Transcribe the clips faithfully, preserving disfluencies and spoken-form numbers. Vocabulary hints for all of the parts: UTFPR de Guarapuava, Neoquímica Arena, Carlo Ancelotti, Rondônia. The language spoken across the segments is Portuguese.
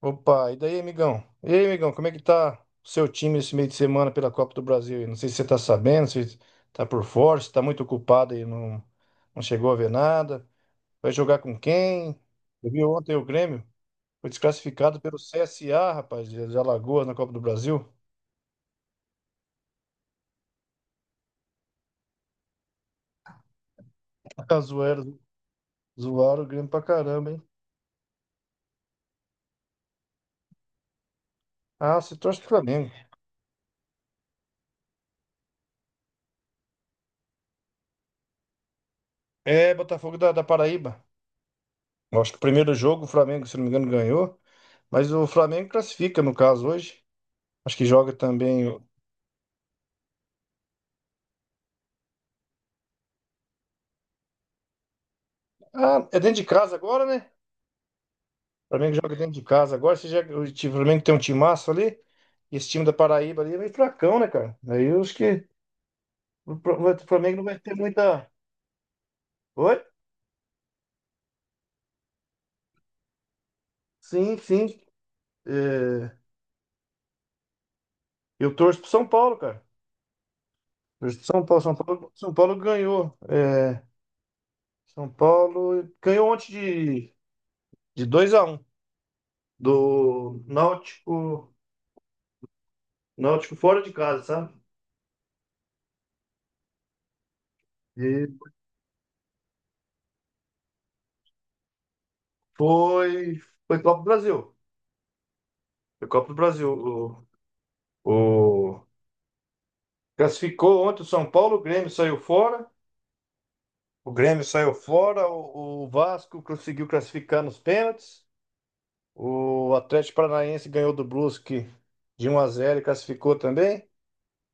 Opa, e daí, amigão? E aí, amigão, como é que tá o seu time esse meio de semana pela Copa do Brasil? Aí? Não sei se você tá sabendo, se tá por fora, se tá muito ocupado e não, não chegou a ver nada. Vai jogar com quem? Eu vi ontem o Grêmio, foi desclassificado pelo C S A, rapaz, de de Alagoas na Copa do Brasil. Zoaram, zoaram o Grêmio pra caramba, hein? Ah, você torce pro Flamengo. É, Botafogo da, da Paraíba. Eu acho que o primeiro jogo o Flamengo, se não me engano, ganhou. Mas o Flamengo classifica, no caso, hoje. Acho que joga também. Ah, é dentro de casa agora, né? O Flamengo joga dentro de casa agora. Você já, o time- o Flamengo tem um timaço ali. E esse time da Paraíba ali é meio fracão, né, cara? Aí eu acho que o Pro- o Flamengo não vai ter muita. Oi? Sim, sim. É, eu torço pro São Paulo, cara. Torço pro São Paulo. São Paulo, São Paulo ganhou. É, São Paulo ganhou ontem de, de dois a um do Náutico, Náutico fora de casa, sabe? E foi, foi Copa do Brasil. Foi Copa do Brasil. O... Classificou ontem o São Paulo, o Grêmio saiu fora. O Grêmio saiu fora, o, o Vasco conseguiu classificar nos pênaltis. O Atlético Paranaense ganhou do Brusque de um a zero e classificou também.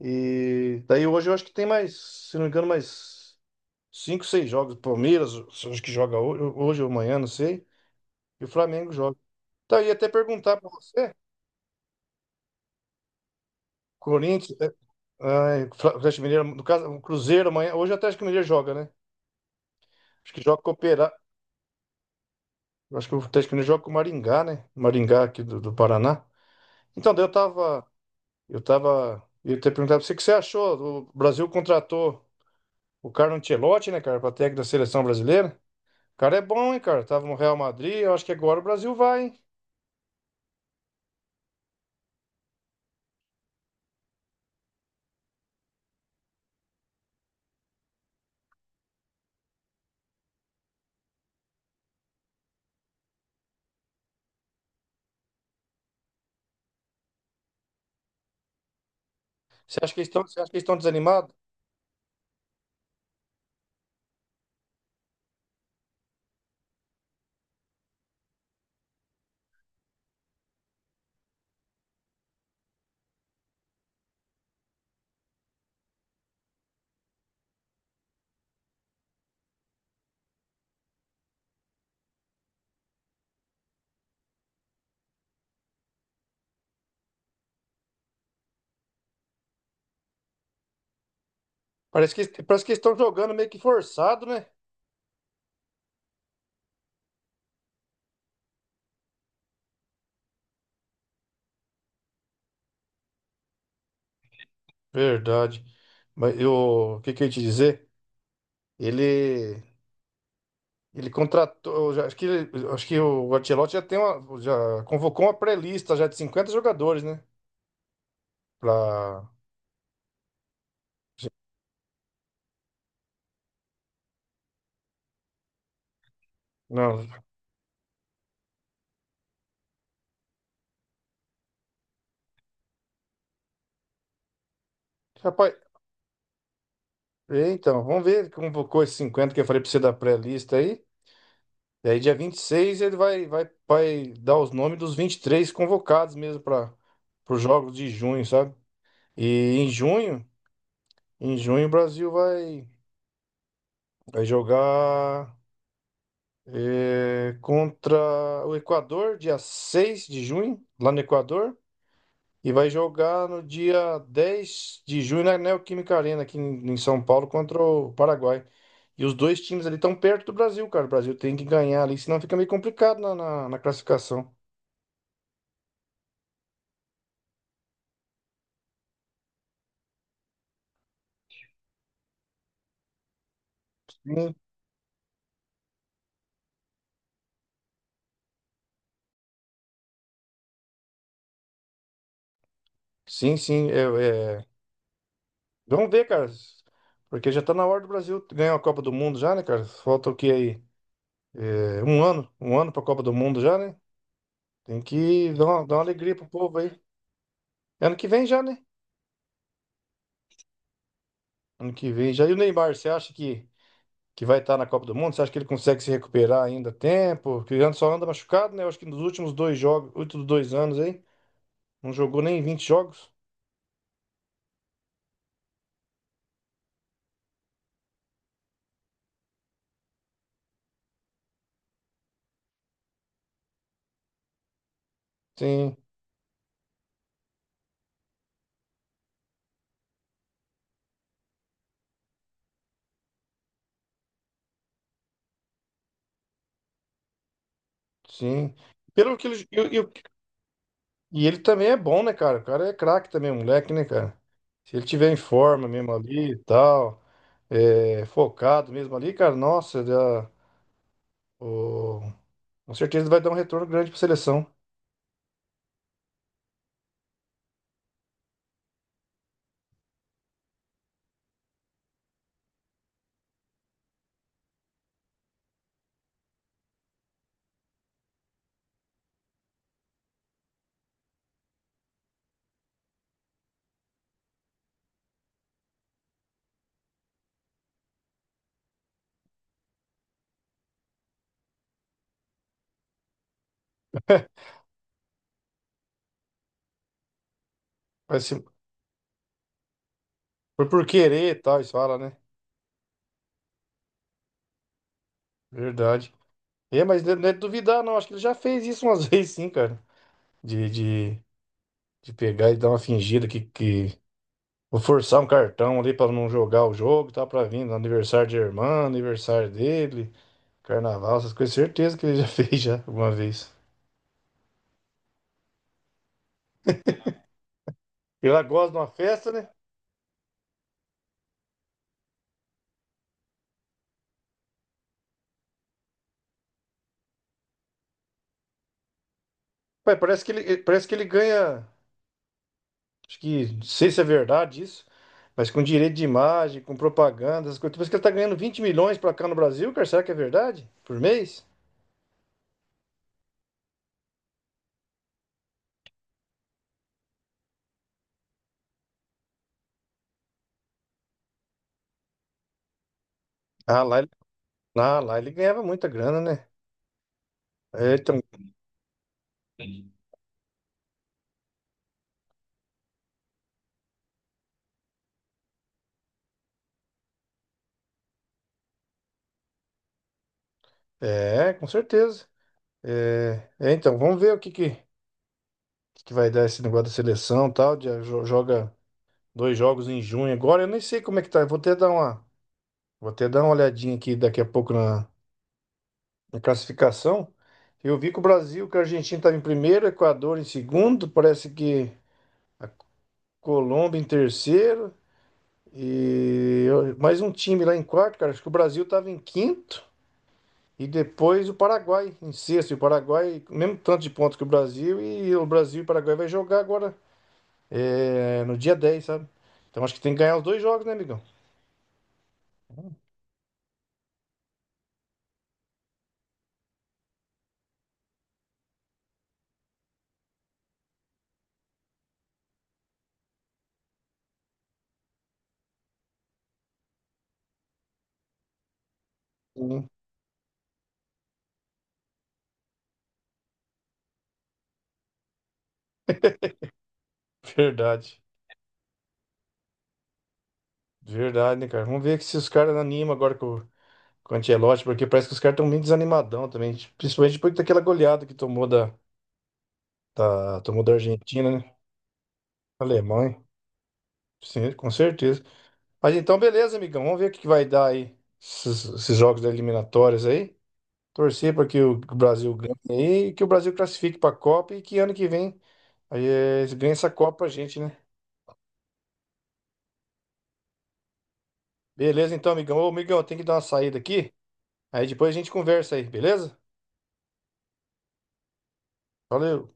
E daí hoje eu acho que tem mais, se não me engano, mais cinco, seis jogos. Palmeiras, acho que joga hoje, hoje ou amanhã, não sei. E o Flamengo joga. Então, eu ia até perguntar pra você, Corinthians, eh, ah, Atlético Mineiro, no caso, o Cruzeiro amanhã, hoje o Atlético Mineiro joga, né? Acho que joga com o Operário. Eu acho que o Atlético Mineiro joga com o Maringá, né? Maringá aqui do, do Paraná. Então, daí eu tava. Eu tava. Eu até perguntar pra você o que você achou. O Brasil contratou o Carlo Ancelotti, né, cara, pra técnico da seleção brasileira. O cara é bom, hein, cara? Tava no Real Madrid. Eu acho que agora o Brasil vai, hein? Você acha que eles estão, você acha que eles estão desanimados? Parece que, parece que eles estão jogando meio que forçado, né? Verdade. Mas eu. O que que eu ia te dizer? Ele. Ele contratou, já- acho que, ele- acho que o Ancelotti já tem uma, já convocou uma pré-lista já de cinquenta jogadores, né? Pra, não, rapaz, é, então, vamos ver, ele convocou esses cinquenta que eu falei pra você da pré-lista aí, e aí dia vinte e seis ele vai, vai, vai dar os nomes dos vinte e três convocados mesmo para os jogos de junho, sabe? E em junho, em junho o Brasil vai, vai jogar é, contra o Equador, dia seis de junho, lá no Equador, e vai jogar no dia dez de junho na Neoquímica Arena, aqui em em São Paulo, contra o Paraguai. E os dois times ali estão perto do Brasil, cara. O Brasil tem que ganhar ali, senão fica meio complicado na, na, na classificação. Sim, sim. Sim, é- é. Vamos ver, cara. Porque já tá na hora do Brasil ganhar a Copa do Mundo já, né, cara? Falta o que aí? É, um ano. Um ano pra Copa do Mundo já, né? Tem que dar uma, dar uma alegria pro povo aí. Ano que vem já, né? Ano que vem já. E o Neymar, você acha que que vai estar na Copa do Mundo? Você acha que ele consegue se recuperar ainda a tempo? Porque ele só anda machucado, né? Eu acho que nos últimos dois jogos, últimos dois anos aí, não jogou nem vinte jogos. Sim, sim. Pelo que ele, eu- eu- e ele também é bom, né, cara? O cara é craque também, o moleque, né, cara? Se ele tiver em forma mesmo ali e tal, é, focado mesmo ali, cara, nossa, já- o- com certeza ele vai dar um retorno grande pra seleção. Vai ser- foi por querer e tal, isso fala, né? Verdade. É, mas não é de duvidar, não. Acho que ele já fez isso umas vezes, sim, cara. De, de, de pegar e dar uma fingida que, que... Vou forçar um cartão ali pra não jogar o jogo, tá? Pra vir no aniversário de irmã, aniversário dele, carnaval, essas coisas. Certeza que ele já fez já alguma vez. Ele lá gosta de uma festa, né? Pai, parece que ele, ele- parece que ele ganha. Acho que. Não sei se é verdade isso, mas com direito de imagem, com propaganda, essas coisas. Parece que ele tá ganhando vinte milhões pra cá no Brasil, cara. Será que é verdade? Por mês? Ah, lá Ah, lá ele ganhava muita grana, né? É, então, é, com certeza. É, é, então, vamos ver o que, que, que vai dar esse negócio da seleção e tal. De- ah, jo- joga dois jogos em junho agora. Eu nem sei como é que tá. Eu vou até dar uma, vou até dar uma olhadinha aqui daqui a pouco na, na classificação. Eu vi que o Brasil, que a Argentina estava em primeiro, o Equador em segundo, parece que a Colômbia em terceiro. E eu- mais um time lá em quarto, cara. Acho que o Brasil estava em quinto. E depois o Paraguai, em sexto, e o Paraguai, mesmo tanto de pontos que o Brasil, e o Brasil e o Paraguai vai jogar agora, é, no dia dez, sabe? Então acho que tem que ganhar os dois jogos, né, amigão? Sim. Verdade, verdade, né, cara? Vamos ver que se os caras animam agora com, o- com o Ancelotti, porque parece que os caras estão meio desanimadão também, principalmente depois daquela goleada que tomou da, da, tomou da Argentina, né? Alemanha, sim, com certeza. Mas então, beleza, amigão, vamos ver o que que vai dar aí, esses, esses jogos da eliminatórias aí. Torcer para que o que o Brasil ganhe e que o Brasil classifique para a Copa e que ano que vem aí, eh, eles essa Copa pra gente, né? Beleza, então, amigão. Ô, amigão, tem que dar uma saída aqui. Aí depois a gente conversa aí, beleza? Valeu.